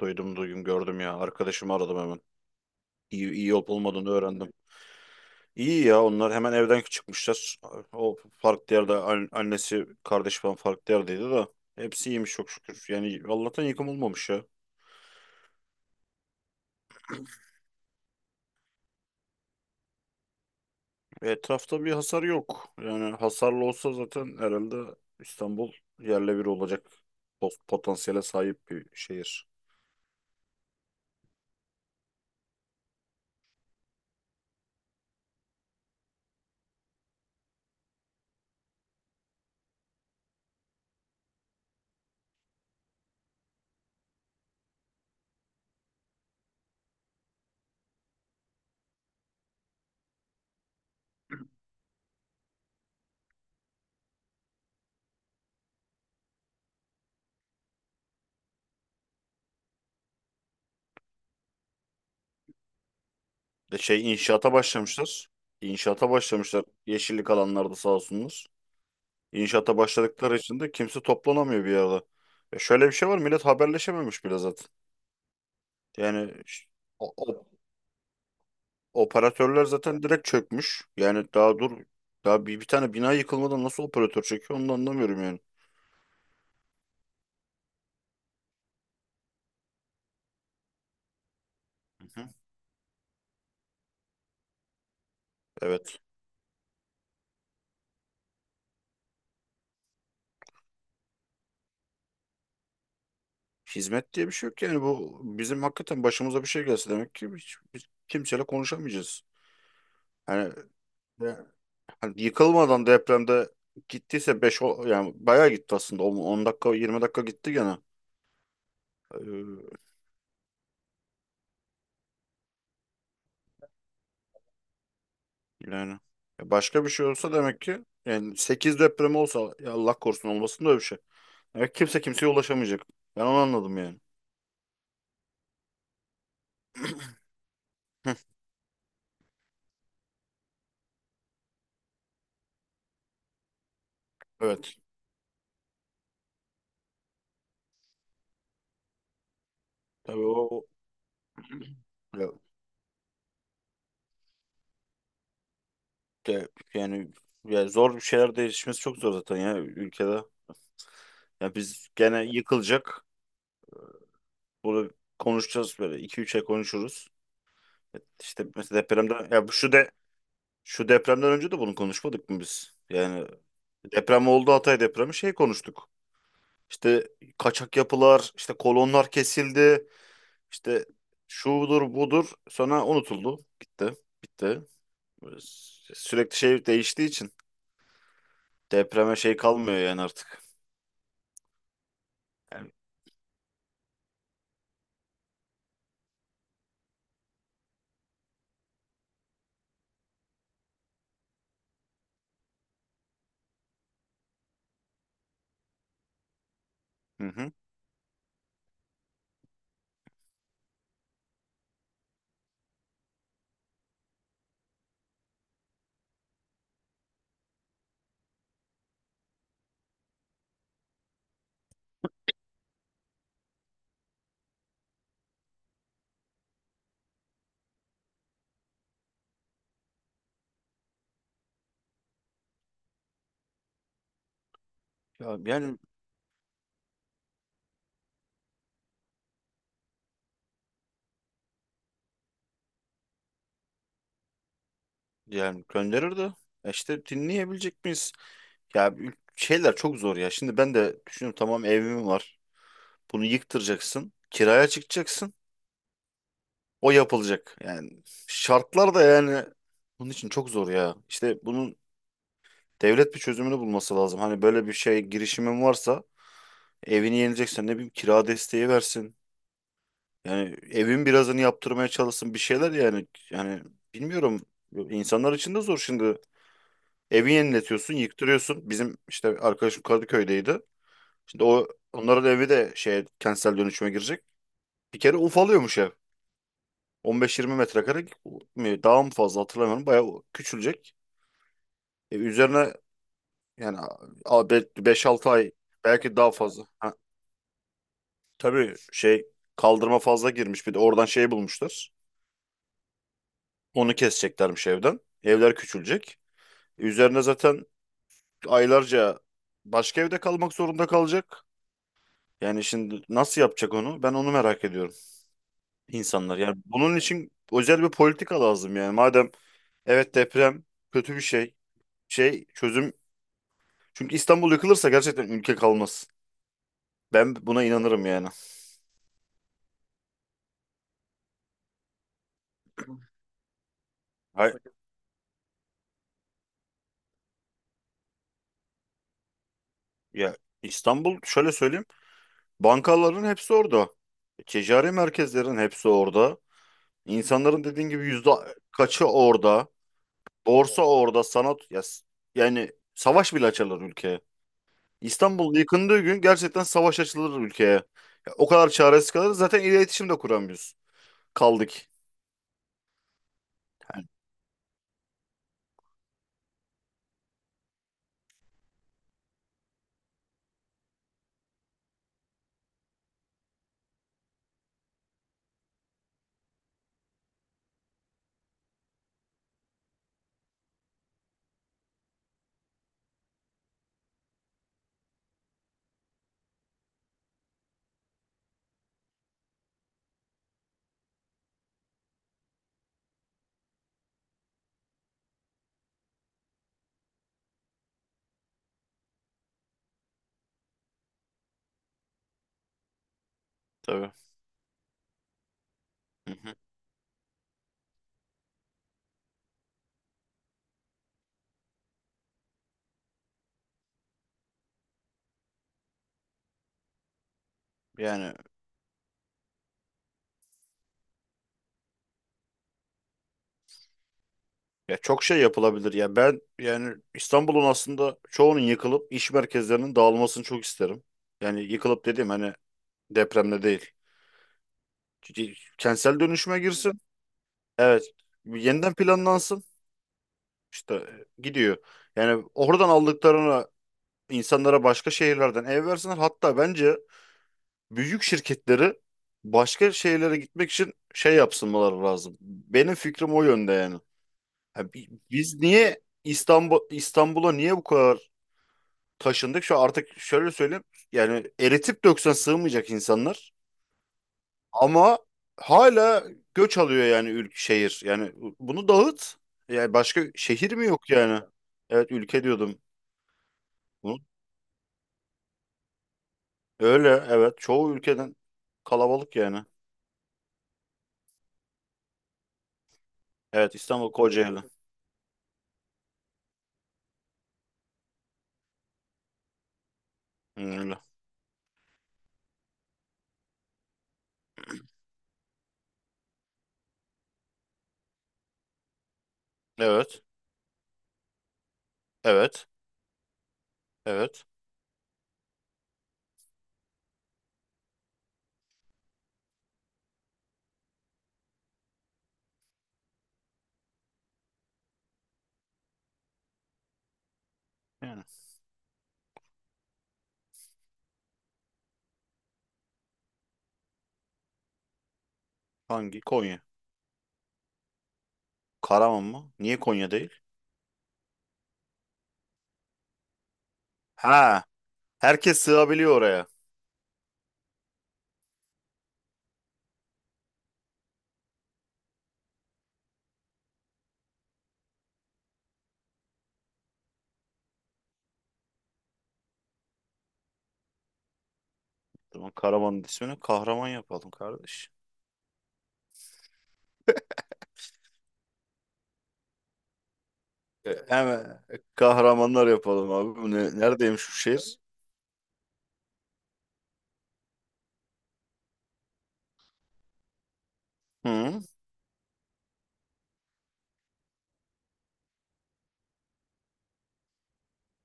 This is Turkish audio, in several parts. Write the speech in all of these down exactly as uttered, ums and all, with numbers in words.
Duydum duydum gördüm ya. Arkadaşımı aradım hemen. İyi, iyi olup olmadığını öğrendim. İyi ya onlar hemen evden çıkmışlar. O farklı yerde an- annesi kardeş falan farklı yerdeydi de. Hepsi iyiymiş çok şükür. Yani Allah'tan yıkım olmamış ya. Etrafta bir hasar yok. Yani hasarlı olsa zaten herhalde İstanbul yerle bir olacak pot- potansiyele sahip bir şehir. De şey inşaata başlamışlar. İnşaata başlamışlar. Yeşillik alanlarda sağ olsunlar. İnşaata başladıkları için de kimse toplanamıyor bir yerde. E şöyle bir şey var, millet haberleşememiş bile zaten. Yani ş- o- o- operatörler zaten direkt çökmüş. Yani daha dur, daha bir, bir tane bina yıkılmadan nasıl operatör çöküyor onu da anlamıyorum yani. Hı hı. Evet. Hizmet diye bir şey yok yani. Bu bizim hakikaten başımıza bir şey gelse demek ki hiç, biz kimseyle konuşamayacağız. Yani, yani hani yıkılmadan, depremde gittiyse beş yani bayağı gitti aslında, on on dakika yirmi dakika gitti gene. Ee, Yani, E, başka bir şey olsa demek ki yani sekiz deprem olsa, ya Allah korusun olmasın da öyle bir şey. Demek kimse kimseye ulaşamayacak. Ben onu anladım yani. Heh, evet. Tabii o o- ya, de, yani ya zor, bir şeyler değişmesi çok zor zaten ya ülkede. Ya biz gene yıkılacak. Bunu konuşacağız, böyle iki üç ay konuşuruz. E, İşte mesela depremden, ya bu şu de şu depremden önce de bunu konuşmadık mı biz? Yani deprem oldu, Hatay depremi şey konuştuk. İşte kaçak yapılar, işte kolonlar kesildi, işte şudur budur sonra unutuldu. Gitti, bitti. Böyle sü- Sürekli şey değiştiği için depreme şey kalmıyor yani artık. Yani hı hı. Ya yani, Yani gönderir de e işte dinleyebilecek miyiz? Ya bir- şeyler çok zor ya. Şimdi ben de düşünüyorum, tamam evim var. Bunu yıktıracaksın. Kiraya çıkacaksın. O yapılacak. Yani şartlar da yani bunun için çok zor ya. İşte bunun devlet bir çözümünü bulması lazım. Hani böyle bir şey, girişimin varsa evini yenileceksen ne bileyim kira desteği versin. Yani evin birazını yaptırmaya çalışsın, bir şeyler yani. Yani bilmiyorum. İnsanlar için de zor şimdi. Evi yeniletiyorsun, yıktırıyorsun. Bizim işte arkadaşım Kadıköy'deydi. Şimdi o onların evi de şey kentsel dönüşüme girecek. Bir kere ufalıyormuş ev. on beş yirmi metrekare mi, daha mı fazla hatırlamıyorum. Bayağı küçülecek. E, üzerine yani a- be- beş altı ay, belki daha fazla. Ha, tabii şey kaldırma fazla girmiş. Bir de oradan şey bulmuşlar. Onu keseceklermiş evden. Evler küçülecek. E, Üzerine zaten aylarca başka evde kalmak zorunda kalacak. Yani şimdi nasıl yapacak onu? Ben onu merak ediyorum, insanlar. Yani bunun için özel bir politika lazım yani. Madem evet, deprem kötü bir şey. Şey çözüm. Çünkü İstanbul yıkılırsa gerçekten ülke kalmaz. Ben buna inanırım yani. Hay ya, İstanbul şöyle söyleyeyim. Bankaların hepsi orada. Ticari merkezlerin hepsi orada. İnsanların dediğin gibi yüzde kaçı orada. Borsa orada. Sanat ya, s- yani savaş bile açarlar ülkeye. İstanbul yıkındığı gün gerçekten savaş açılır ülkeye. Ya o kadar çaresiz kalırız. Zaten iletişim de kuramıyoruz. Kaldık. Tabii. Hı hı. Yani ya çok şey yapılabilir. Ya ben yani İstanbul'un aslında çoğunun yıkılıp iş merkezlerinin dağılmasını çok isterim. Yani yıkılıp dediğim hani depremde değil. C- Kentsel dönüşüme girsin. Evet. Yeniden planlansın. İşte e, gidiyor. Yani oradan aldıklarını insanlara, başka şehirlerden ev versinler. Hatta bence büyük şirketleri başka şeylere gitmek için şey yapsınmaları lazım. Benim fikrim o yönde yani. Ha, bi- biz niye İstanbul İstanbul'a niye bu kadar taşındık? Şu artık şöyle söyleyeyim. Yani eritip döksen sığmayacak insanlar. Ama hala göç alıyor yani ülke, şehir. Yani bu- bunu dağıt. Yani başka şehir mi yok yani? Evet, ülke diyordum. Bunu- Öyle evet, çoğu ülkeden kalabalık yani. Evet, İstanbul Kocaeli. Hı, öyle. Evet. Evet. Evet. Yani hangi? Konya. Karaman mı? Niye Konya değil? Ha, herkes sığabiliyor oraya. Tamam, Karaman'ın ismini kahraman yapalım kardeş. E, hemen kahramanlar yapalım abi. Bu ne, neredeymiş şu şehir? Hı,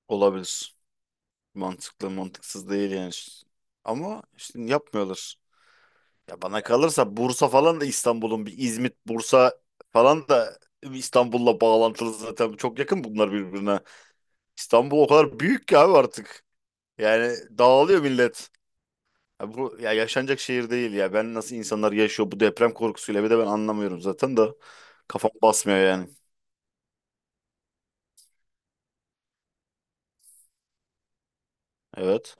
olabilir. Mantıklı, mantıksız değil yani. Ama işte yapmıyorlar. Ya bana kalırsa Bursa falan da İstanbul'un bir, İzmit, Bursa falan da İstanbul'la bağlantılı zaten. Çok yakın bunlar birbirine. İstanbul o kadar büyük ki abi artık. Yani dağılıyor millet. Ya bu ya yaşanacak şehir değil ya. Ben, nasıl insanlar yaşıyor bu deprem korkusuyla bir de, ben anlamıyorum zaten da kafam basmıyor yani. Evet.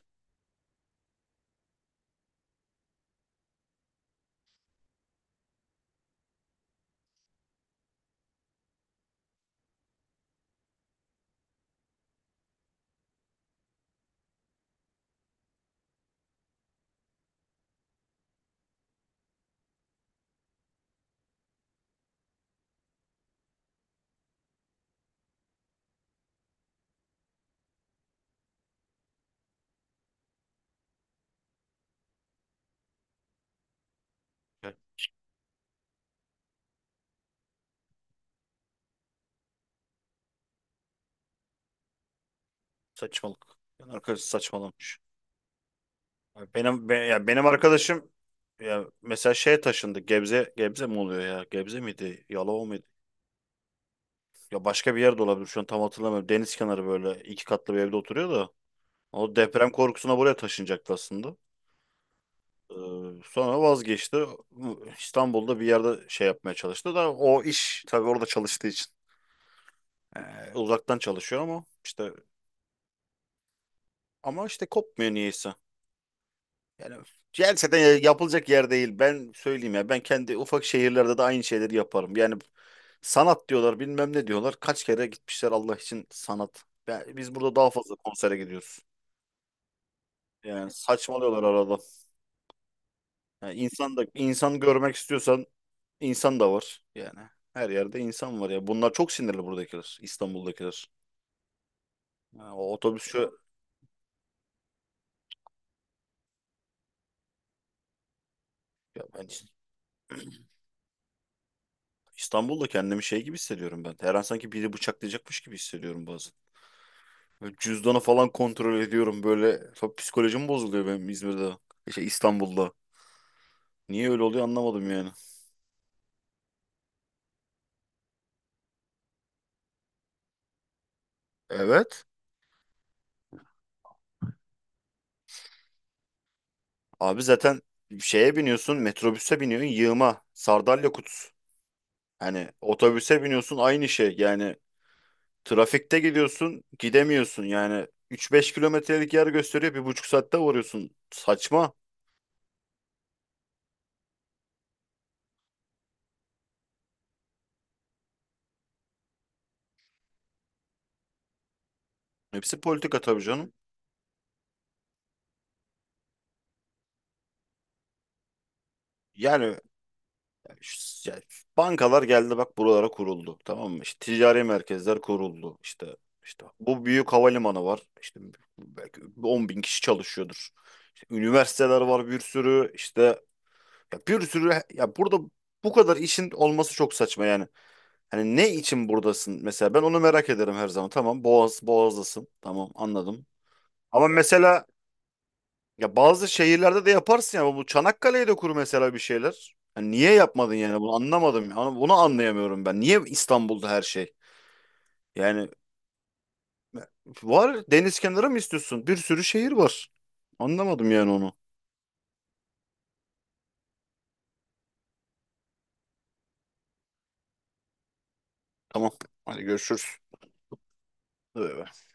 Ya saçmalık. Yani arkadaş saçmalamış. Ya Benim be- ya benim arkadaşım, ya mesela şeye taşındı. Gebze, Gebze mi oluyor ya? Gebze miydi? Yalova mıydı? Ya başka bir yerde olabilir. Şu an tam hatırlamıyorum. Deniz kenarı böyle iki katlı bir evde oturuyor da. O deprem korkusuna buraya taşınacaktı aslında. Ee, Sonra vazgeçti. İstanbul'da bir yerde şey yapmaya çalıştı da o iş tabii orada çalıştığı için, ee, uzaktan çalışıyor ama işte ama işte kopmuyor niyeyse. Yani gelse yapılacak yer değil. Ben söyleyeyim ya, ben kendi ufak şehirlerde de aynı şeyleri yaparım. Yani sanat diyorlar bilmem ne diyorlar. Kaç kere gitmişler Allah için sanat. Ben- biz burada daha fazla konsere gidiyoruz. Yani saçmalıyorlar arada. Yani insan da, insan görmek istiyorsan insan da var yani. Her yerde insan var ya. Bunlar çok sinirli, buradakiler, İstanbul'dakiler. Yani o otobüs, şu ya, ben İstanbul'da kendimi şey gibi hissediyorum ben. Her an sanki biri bıçaklayacakmış gibi hissediyorum bazen. Böyle cüzdanı falan kontrol ediyorum böyle. Çok psikolojim bozuluyor benim İzmir'de. Şey, İstanbul'da. Niye öyle oluyor anlamadım yani. Evet. Abi zaten şeye biniyorsun, metrobüse biniyorsun, yığma. Sardalya kutusu. Hani otobüse biniyorsun, aynı şey. Yani trafikte gidiyorsun, gidemiyorsun yani. Üç beş kilometrelik yer gösteriyor, bir buçuk saatte varıyorsun. Saçma. Hepsi politika tabii canım. Yani, ş- ya, bankalar geldi bak buralara kuruldu. Tamam mı? İşte ticari merkezler kuruldu. İşte işte bu büyük havalimanı var. İşte belki on bin kişi çalışıyordur. İşte üniversiteler var bir sürü. İşte ya bir sürü, ya burada bu kadar işin olması çok saçma yani. Hani ne için buradasın mesela, ben onu merak ederim her zaman. Tamam, Boğaz Boğaz'dasın. Tamam, anladım. Ama mesela ya bazı şehirlerde de yaparsın ya, bu Çanakkale'ye de kur mesela bir şeyler. Hani niye yapmadın yani, bunu anlamadım. Yani bunu anlayamıyorum ben. Niye İstanbul'da her şey? Yani var, deniz kenarı mı istiyorsun? Bir sürü şehir var. Anlamadım yani onu. Tamam. Hadi görüşürüz. Bay bay.